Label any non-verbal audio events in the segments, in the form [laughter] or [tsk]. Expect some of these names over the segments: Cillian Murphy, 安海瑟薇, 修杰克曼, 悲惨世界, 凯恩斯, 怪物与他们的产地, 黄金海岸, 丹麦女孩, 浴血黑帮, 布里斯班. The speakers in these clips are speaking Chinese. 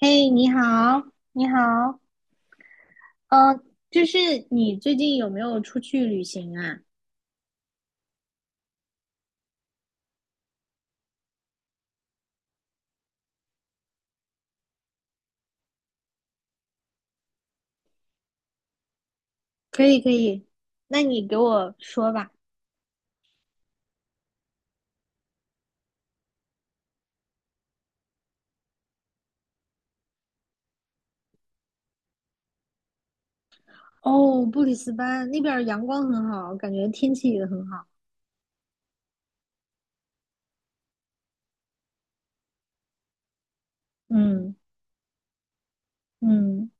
嘿，你好，你好。呃，就是你最近有没有出去旅行啊？可以，可以，那你给我说吧。哦，布里斯班那边儿阳光很好，感觉天气也很好。嗯。嗯。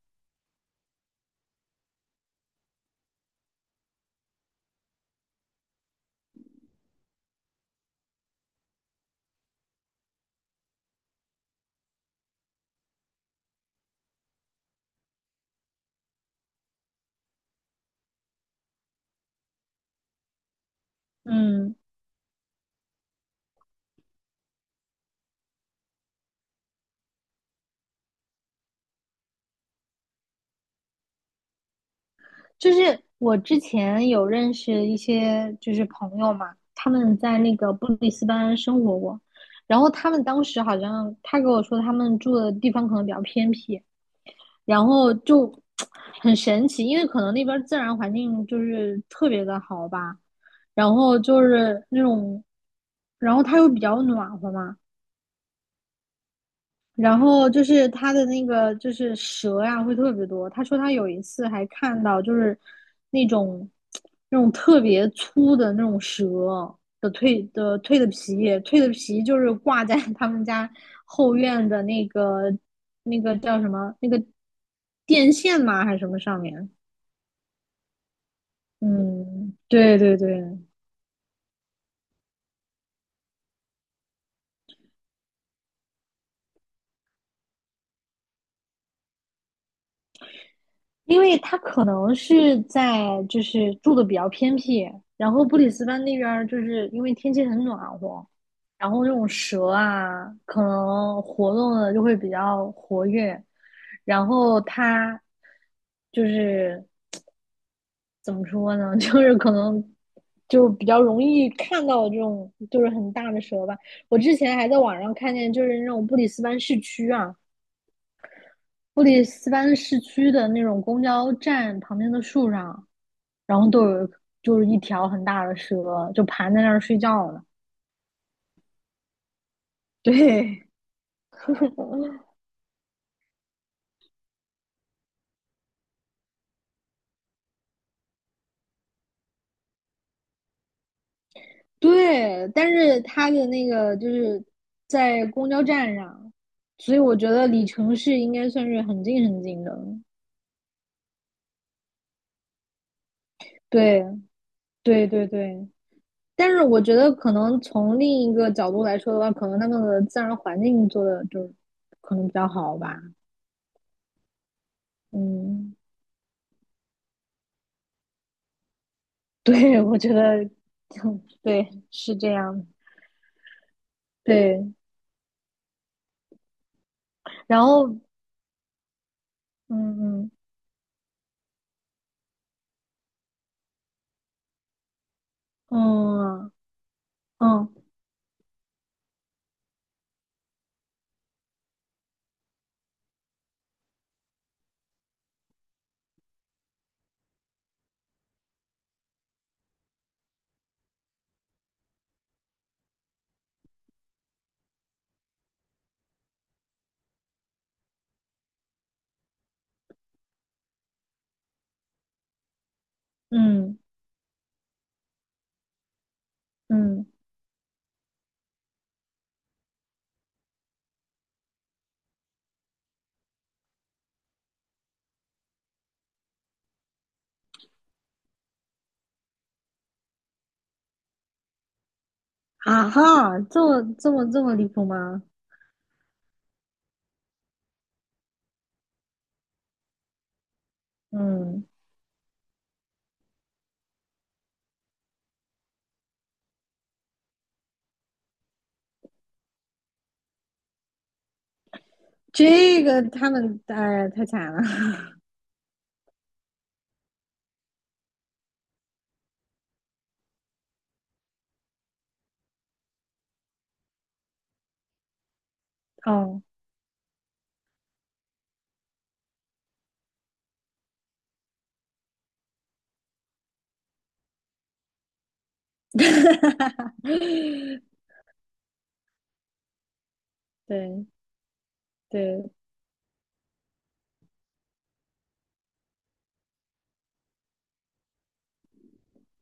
嗯，就是我之前有认识一些就是朋友嘛，他们在那个布里斯班生活过，然后他们当时好像他给我说他们住的地方可能比较偏僻，然后就 [tsk] 很神奇，因为可能那边自然环境就是特别的好吧，然后就是那种，然后它又比较暖和嘛，然后就是他的那个就是蛇呀，会特别多。他说他有一次还看到就是那种那种特别粗的那种蛇的蜕的皮，蜕的皮就是挂在 [laughs] 他们家后院的那个那个叫什么那个电线吗还是什么上面？嗯，对对对。因为他可能是在就是住的比较偏僻，然后布里斯班那边儿就是因为天气很暖和，然后那种蛇啊，可能活动的就会比较活跃，然后它就是怎么说呢，[laughs] 就是可能就比较容易看到这种就是很大的蛇吧。我之前还在网上看见，就是那种布里斯班市区啊，布里斯班市区的那种公交站旁边的树上。然后都有就是一条很大的蛇，就盘在那儿睡觉呢。对。[laughs] 对，但是它的那个就是在公交站上，所以我觉得离城市应该算是很近很近的。对，对，对，对。但是我觉得可能从另一个角度来说的话，可能那个自然环境做的就是可能比较好吧。嗯，对，我觉得 [laughs] 对是这样。对。然后。嗯嗯。哦。哦。嗯嗯。啊哈，这么离谱吗？嗯，这个他们哎太惨了。[laughs] 哦。[laughs] 对对。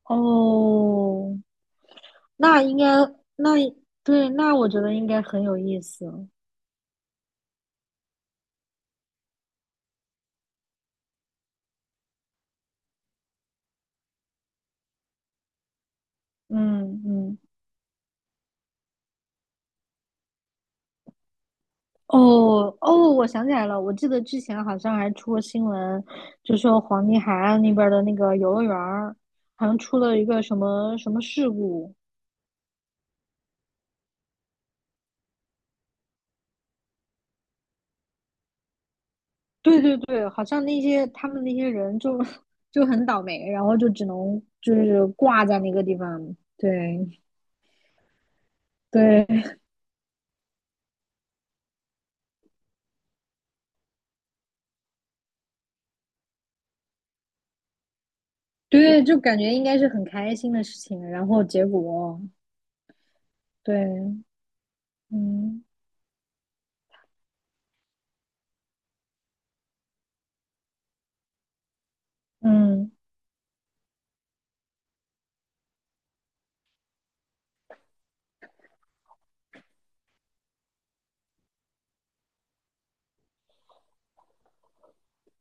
哦，那应该那对，那我觉得应该很有意思。嗯嗯。哦哦，我想起来了，我记得之前好像还出过新闻，就说黄金海岸那边儿的那个游乐园儿，好像出了一个什么什么事故。对对对，好像那些他们那些人就 [laughs] 就很倒霉，然后就只能就是挂在那个地方。对对对，就感觉应该是很开心的事情，然后结果对。嗯嗯。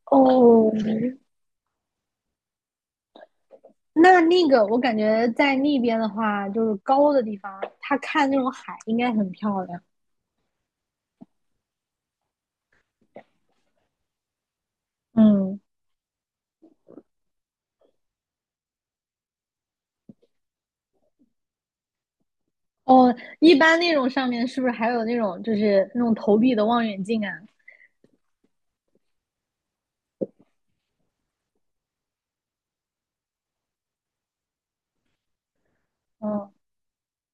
哦，那那个我感觉在那边的话，就是高的地方，他看那种海应该很漂亮。嗯。哦，一般那种上面是不是还有那种就是那种投币的望远镜啊？嗯。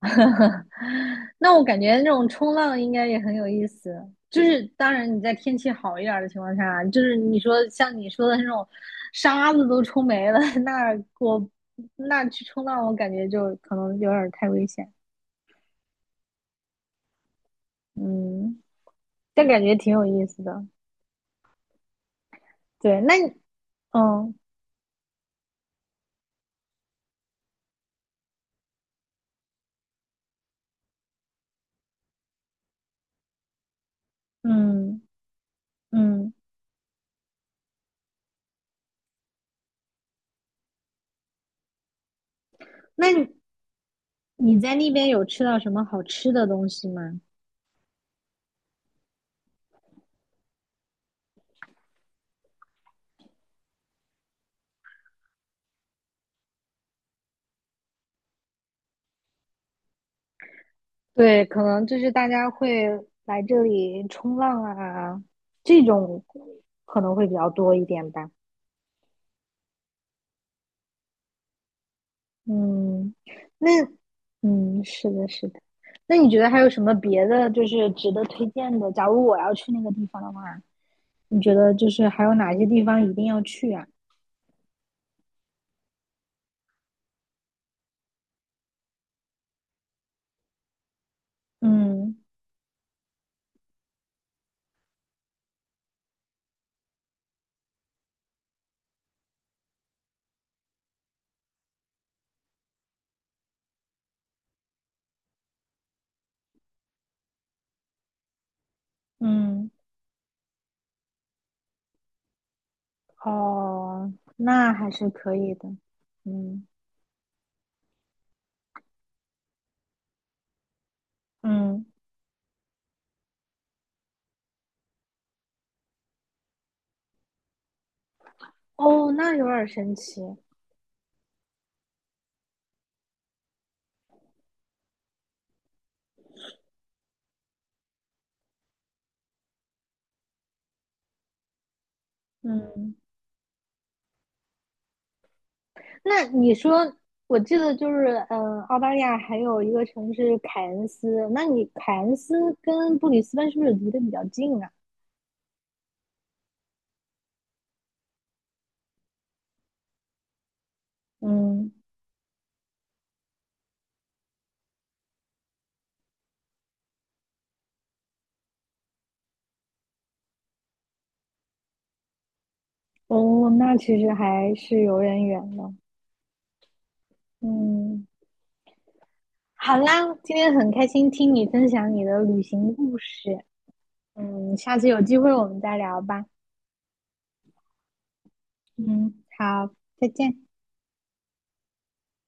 [laughs] 那我感觉那种冲浪应该也很有意思。就是当然你在天气好一点儿的情况下，就是你说像你说的那种沙子都冲没了，那我那去冲浪，我感觉就可能有点儿太危险。嗯，但感觉挺有意思的。对，那你哦。嗯嗯，那你在那边有吃到什么好吃的东西吗？对，可能就是大家会来这里冲浪啊，这种可能会比较多一点吧。嗯，那嗯，是的，是的。那你觉得还有什么别的就是值得推荐的？假如我要去那个地方的话，你觉得就是还有哪些地方一定要去啊？嗯嗯。哦，那还是可以的。嗯。嗯。哦，那有点神奇。嗯，那你说，我记得就是，嗯，澳大利亚还有一个城市凯恩斯，那你凯恩斯跟布里斯班是不是离得比较近啊？嗯。哦，那其实还是有点远的。嗯。好啦，今天很开心听你分享你的旅行故事。嗯，下次有机会我们再聊吧。嗯，好，再见。